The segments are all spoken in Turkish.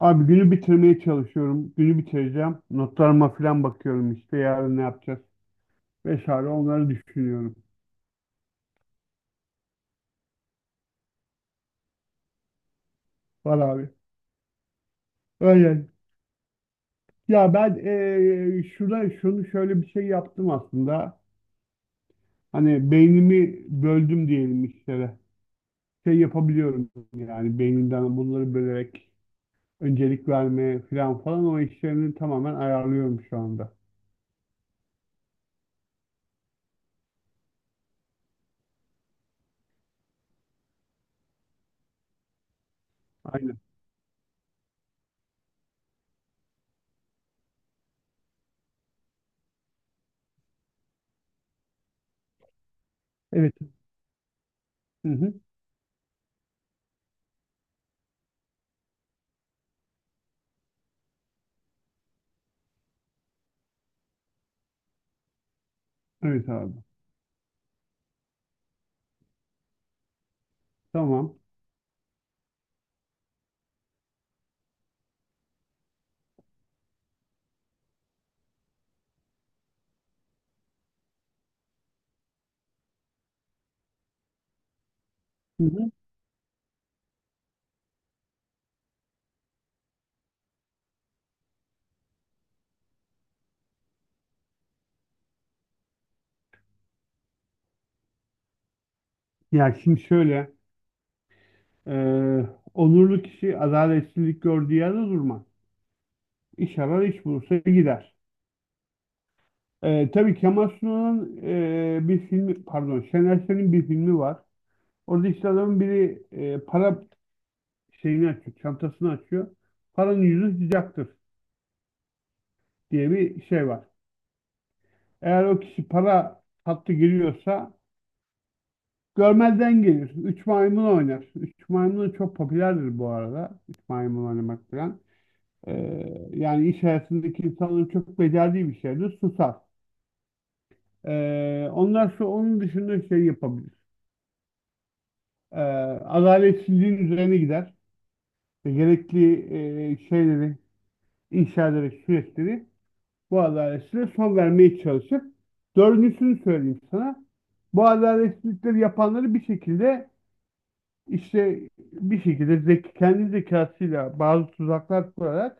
Abi günü bitirmeye çalışıyorum. Günü bitireceğim. Notlarıma falan bakıyorum, işte yarın ne yapacağız vesaire onları düşünüyorum. Var abi. Öyle. Ya ben şurada şunu şöyle bir şey yaptım aslında. Hani beynimi böldüm diyelim işlere. Şey yapabiliyorum yani beynimden bunları bölerek öncelik vermeye falan falan, o işlerini tamamen ayarlıyorum şu anda. Aynen. Evet. Hı hı. Evet abi. Tamam. Hı hı. Ya şimdi şöyle. Ee, Onurlu kişi adaletsizlik gördüğü yerde durmaz. İş arar, iş bulursa gider. Tabii Kemal Sunal'ın bir filmi, pardon Şener Şen'in bir filmi var. Orada işte adamın biri para şeyini açıyor, çantasını açıyor. Paranın yüzü sıcaktır diye bir şey var. Eğer o kişi para hattı giriyorsa görmezden gelir. Üç maymun oynar. Üç maymun çok popülerdir bu arada. Üç maymun oynamak falan. Yani iş hayatındaki insanların çok becerdiği bir şeydir. Susar. Onlar şu, onun dışında şey yapabilir. Ee, Adaletsizliğin üzerine gider. Ve gerekli şeyleri inşa ederek süreçleri bu adaletsizliğe son vermeye çalışır. Dördüncüsünü söyleyeyim sana. Bu adaletsizlikleri yapanları bir şekilde işte bir şekilde kendi zekasıyla bazı tuzaklar kurarak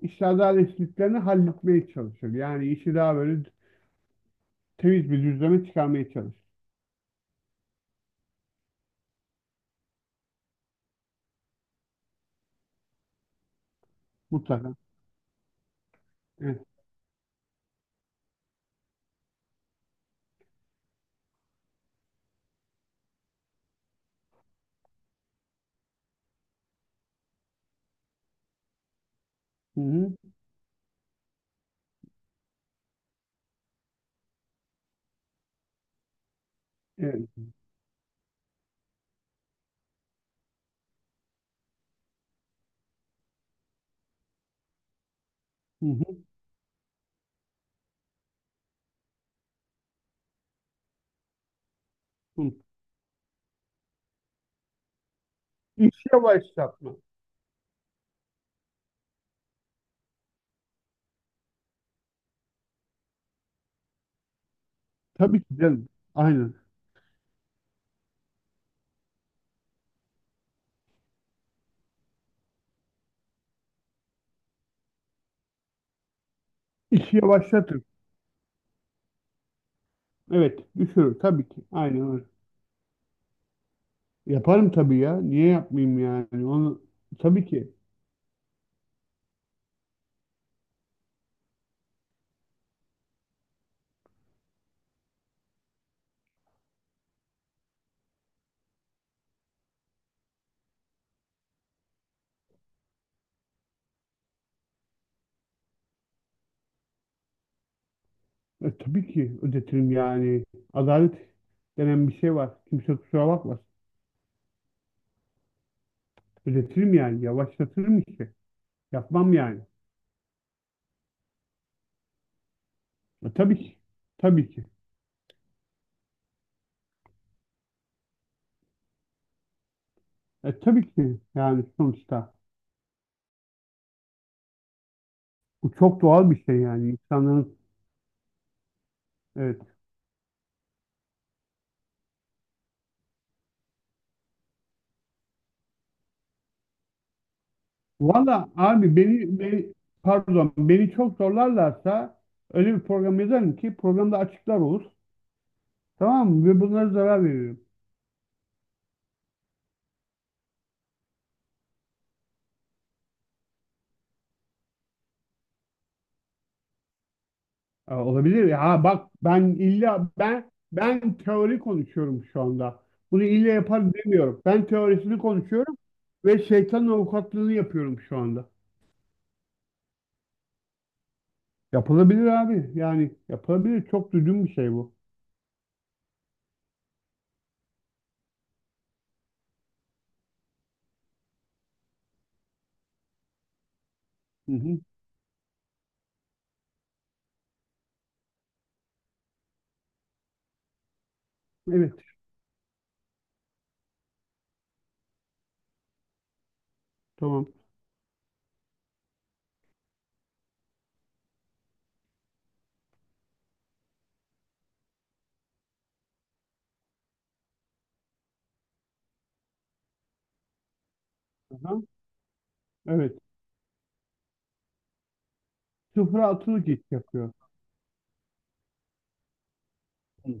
işte adaletsizliklerini halletmeye çalışır. Yani işi daha böyle temiz bir düzleme çıkarmaya çalış. Mutlaka. Evet. Hı hı. Evet. Hı hı. Hı. İş yavaşlatma. Tabii ki canım. Aynen. İşi yavaşlatır. Evet. Düşürür. Tabii ki. Aynen öyle. Yaparım tabii ya. Niye yapmayayım yani? Onu tabii ki. E, tabii ki ödetirim yani. Adalet denen bir şey var. Kimse kusura bakmasın. Ödetirim yani. Yavaşlatırım işte. Yapmam yani. E, tabii ki. Tabii ki. E, tabii ki yani sonuçta. Bu çok doğal bir şey yani. İnsanların. Evet. Valla abi beni, beni pardon, beni çok zorlarlarsa öyle bir program yazarım ki programda açıklar olur. Tamam mı? Ve bunlara zarar veririm. Aa, olabilir ya. Ha, bak, ben illa ben teori konuşuyorum şu anda. Bunu illa yapar demiyorum. Ben teorisini konuşuyorum ve şeytanın avukatlığını yapıyorum şu anda. Yapılabilir abi. Yani yapılabilir. Çok düzgün bir şey bu. Hı hı. Evet. Tamam. Aha. Evet. Sıfıra atılık iş yapıyor. Hı.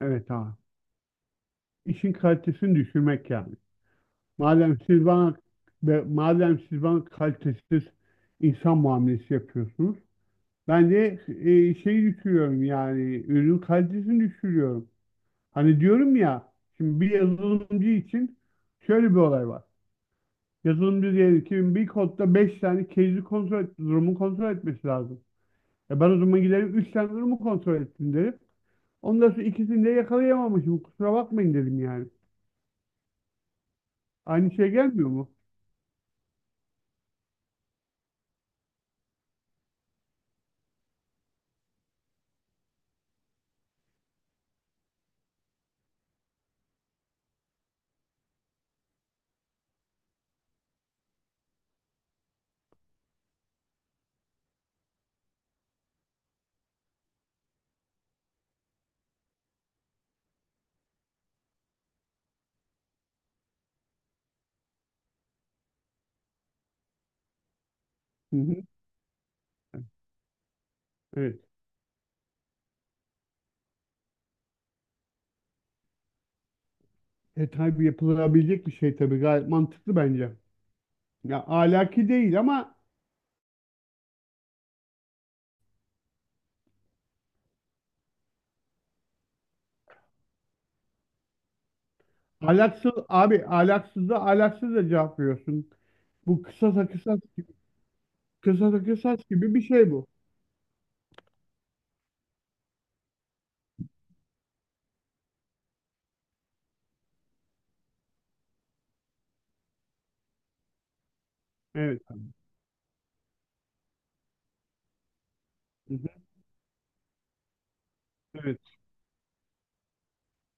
Evet abi. İşin kalitesini düşürmek yani. Madem siz bana ve madem siz bana kalitesiz insan muamelesi yapıyorsunuz, ben de şeyi düşürüyorum yani, ürün kalitesini düşürüyorum. Hani diyorum ya, şimdi bir yazılımcı için şöyle bir olay var. Yazılımcı diyelim ki bir kodda 5 tane case'i kontrol et, durumu kontrol etmesi lazım. E ben o zaman giderim 3 tane durumu kontrol ettim derim. Ondan sonra ikisini de yakalayamamışım. Kusura bakmayın dedim yani. Aynı şey gelmiyor mu? Hı hı. Evet. E tabii, yapılabilecek bir şey, tabii gayet mantıklı bence. Ya ahlaki değil ama ahlaksız abi, ahlaksız da cevap veriyorsun. Bu kısasa kısas gibi, kısasa kısas gibi bir şey bu. Evet abi. Hı hı. Evet.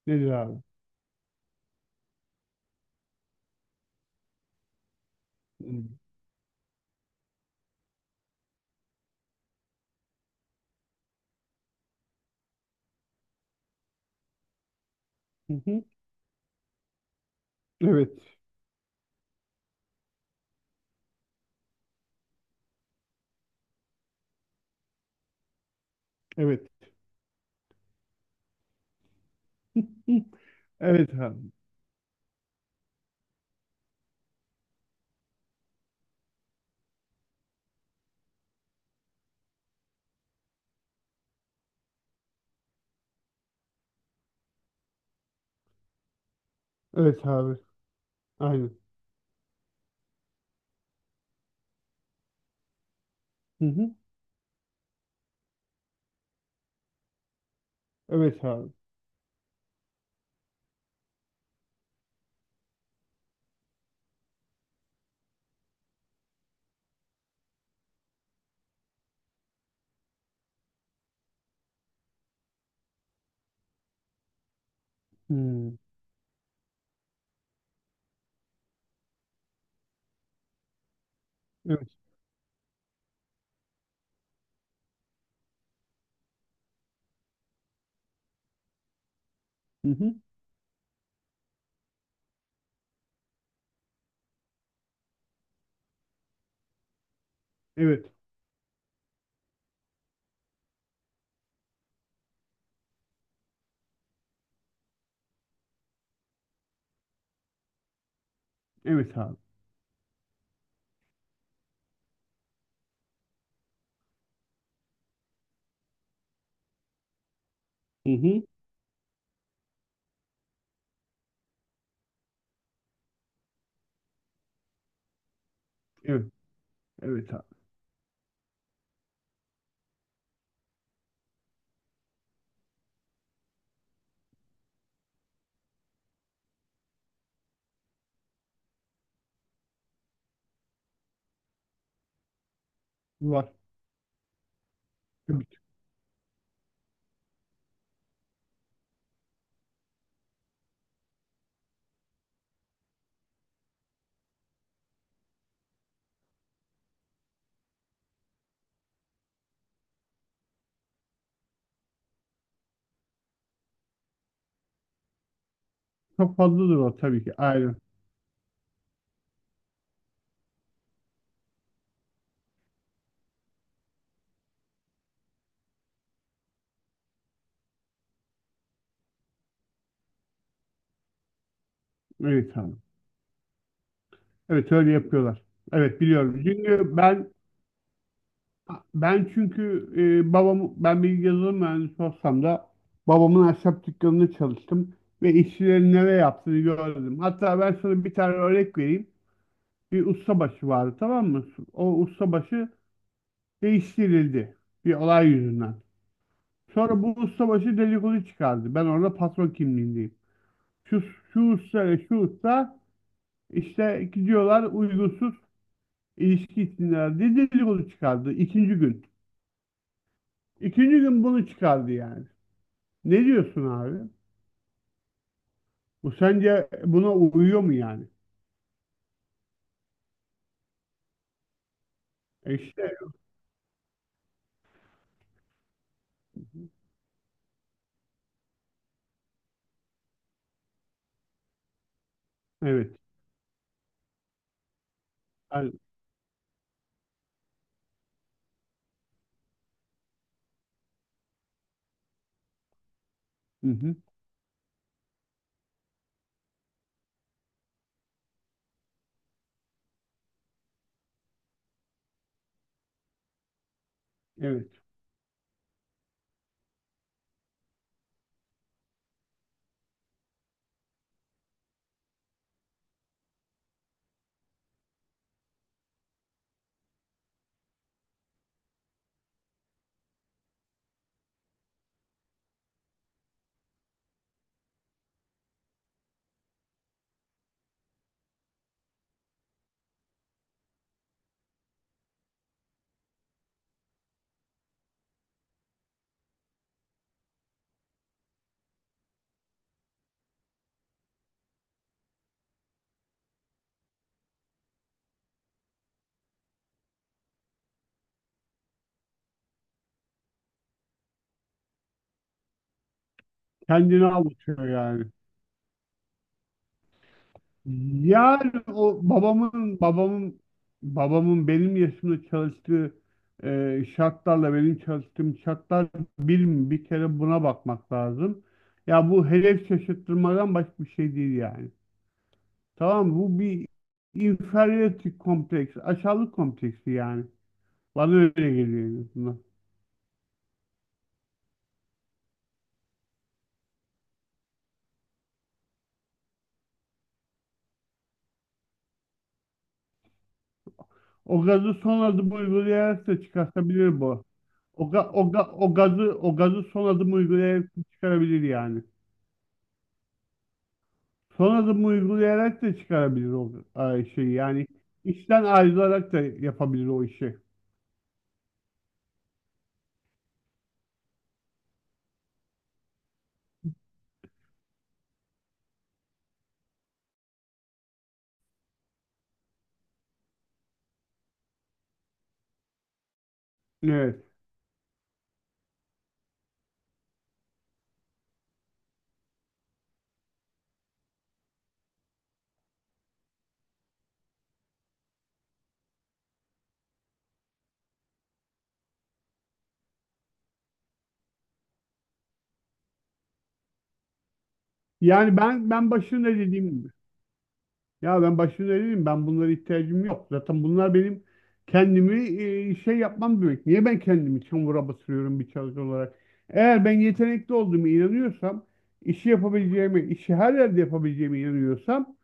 Nedir abi? Hı hı. Evet. Evet. Hı. Evet abi. Evet abi. Aynen. Hı hı. Evet abi. Hı. Evet. Hı hı. Evet. Evet abi. Hı hı. Evet. Evet abi. Var. Tabii ki. Çok fazladır o tabii ki. Aynen. Evet abi. Evet, öyle yapıyorlar. Evet, biliyorum. Çünkü ben çünkü babam, ben bir yazılım mühendisi olsam da babamın ahşap dükkanında çalıştım ve işçilerin neler yaptığını gördüm. Hatta ben sana bir tane örnek vereyim. Bir ustabaşı vardı, tamam mı? O ustabaşı değiştirildi bir olay yüzünden. Sonra bu ustabaşı dedikodu çıkardı. Ben orada patron kimliğindeyim. Şu, şu usta ile şu usta İşte gidiyorlar, uygunsuz ilişki içindeler diye dedikodu çıkardı ikinci gün. İkinci gün bunu çıkardı yani. Ne diyorsun abi? Bu sence buna uyuyor mu yani? E işte evet. Yani, hı hı, evet. Kendini avutuyor yani. Yani o babamın benim yaşımda çalıştığı şartlarla benim çalıştığım şartlar bir mi? Bir kere buna bakmak lazım. Ya bu hedef şaşırtmadan başka bir şey değil yani. Tamam, bu bir inferiority kompleksi, aşağılık kompleksi yani. Bana öyle geliyor en azından. O gazı son adım uygulayarak da çıkartabilir bu. O gazı son adım uygulayarak da çıkarabilir yani. Son adım uygulayarak da çıkarabilir o şeyi yani. İşten ayrılarak da yapabilir o işi. Evet. Yani ben başında dediğim gibi. Ya ben başta söyleyeyim, ben bunlara ihtiyacım yok. Zaten bunlar benim kendimi şey yapmam demek. Niye ben kendimi çamura batırıyorum bir çalışan olarak? Eğer ben yetenekli olduğumu inanıyorsam, işi yapabileceğimi, işi her yerde yapabileceğimi inanıyorsam,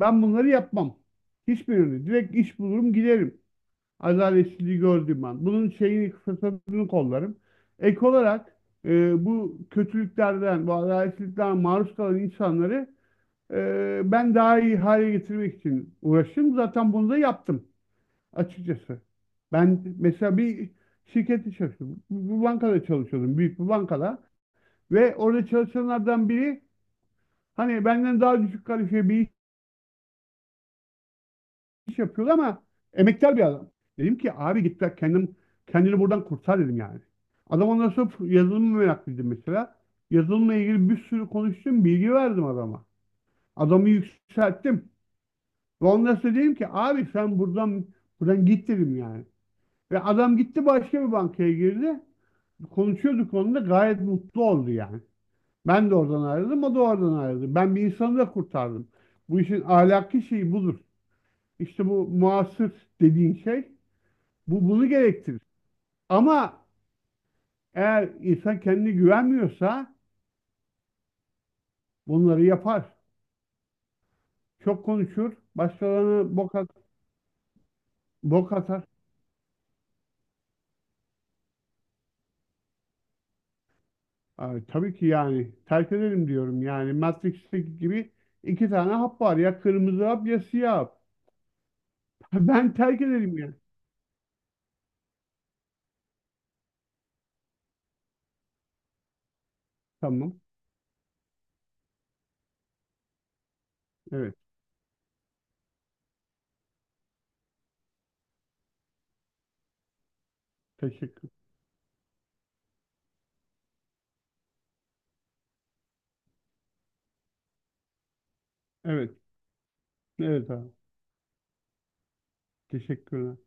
ben bunları yapmam. Hiçbirini. Direkt iş bulurum, giderim. Adaletsizliği gördüğüm an. Bunun şeyini, fırsatını kollarım. Ek olarak bu kötülüklerden, bu adaletsizlikten maruz kalan insanları ben daha iyi hale getirmek için uğraştım. Zaten bunu da yaptım açıkçası. Ben mesela bir şirkette çalıştım. Bir bankada çalışıyordum. Büyük bir bankada. Ve orada çalışanlardan biri hani benden daha düşük kalifiye bir iş yapıyordu ama emektar bir adam. Dedim ki abi git bak, kendini buradan kurtar dedim yani. Adam ondan sonra yazılım meraklıydı mesela. Yazılımla ilgili bir sürü konuştum, bilgi verdim adama. Adamı yükselttim. Ve ondan sonra dedim ki abi sen buradan git dedim yani. Ve adam gitti, başka bir bankaya girdi. Konuşuyorduk onunla, gayet mutlu oldu yani. Ben de oradan ayrıldım, o da oradan ayrıldı. Ben bir insanı da kurtardım. Bu işin ahlaki şeyi budur. İşte bu muasır dediğin şey, bunu gerektirir. Ama eğer insan kendine güvenmiyorsa bunları yapar. Çok konuşur, başkalarına bok at- bok atar. Ay, tabii ki yani, terk edelim diyorum. Yani Matrix'teki gibi iki tane hap var. Ya kırmızı hap ya siyah hap. Ben terk ederim yani. Tamam. Evet. Teşekkür. Evet. Evet abi. Teşekkürler.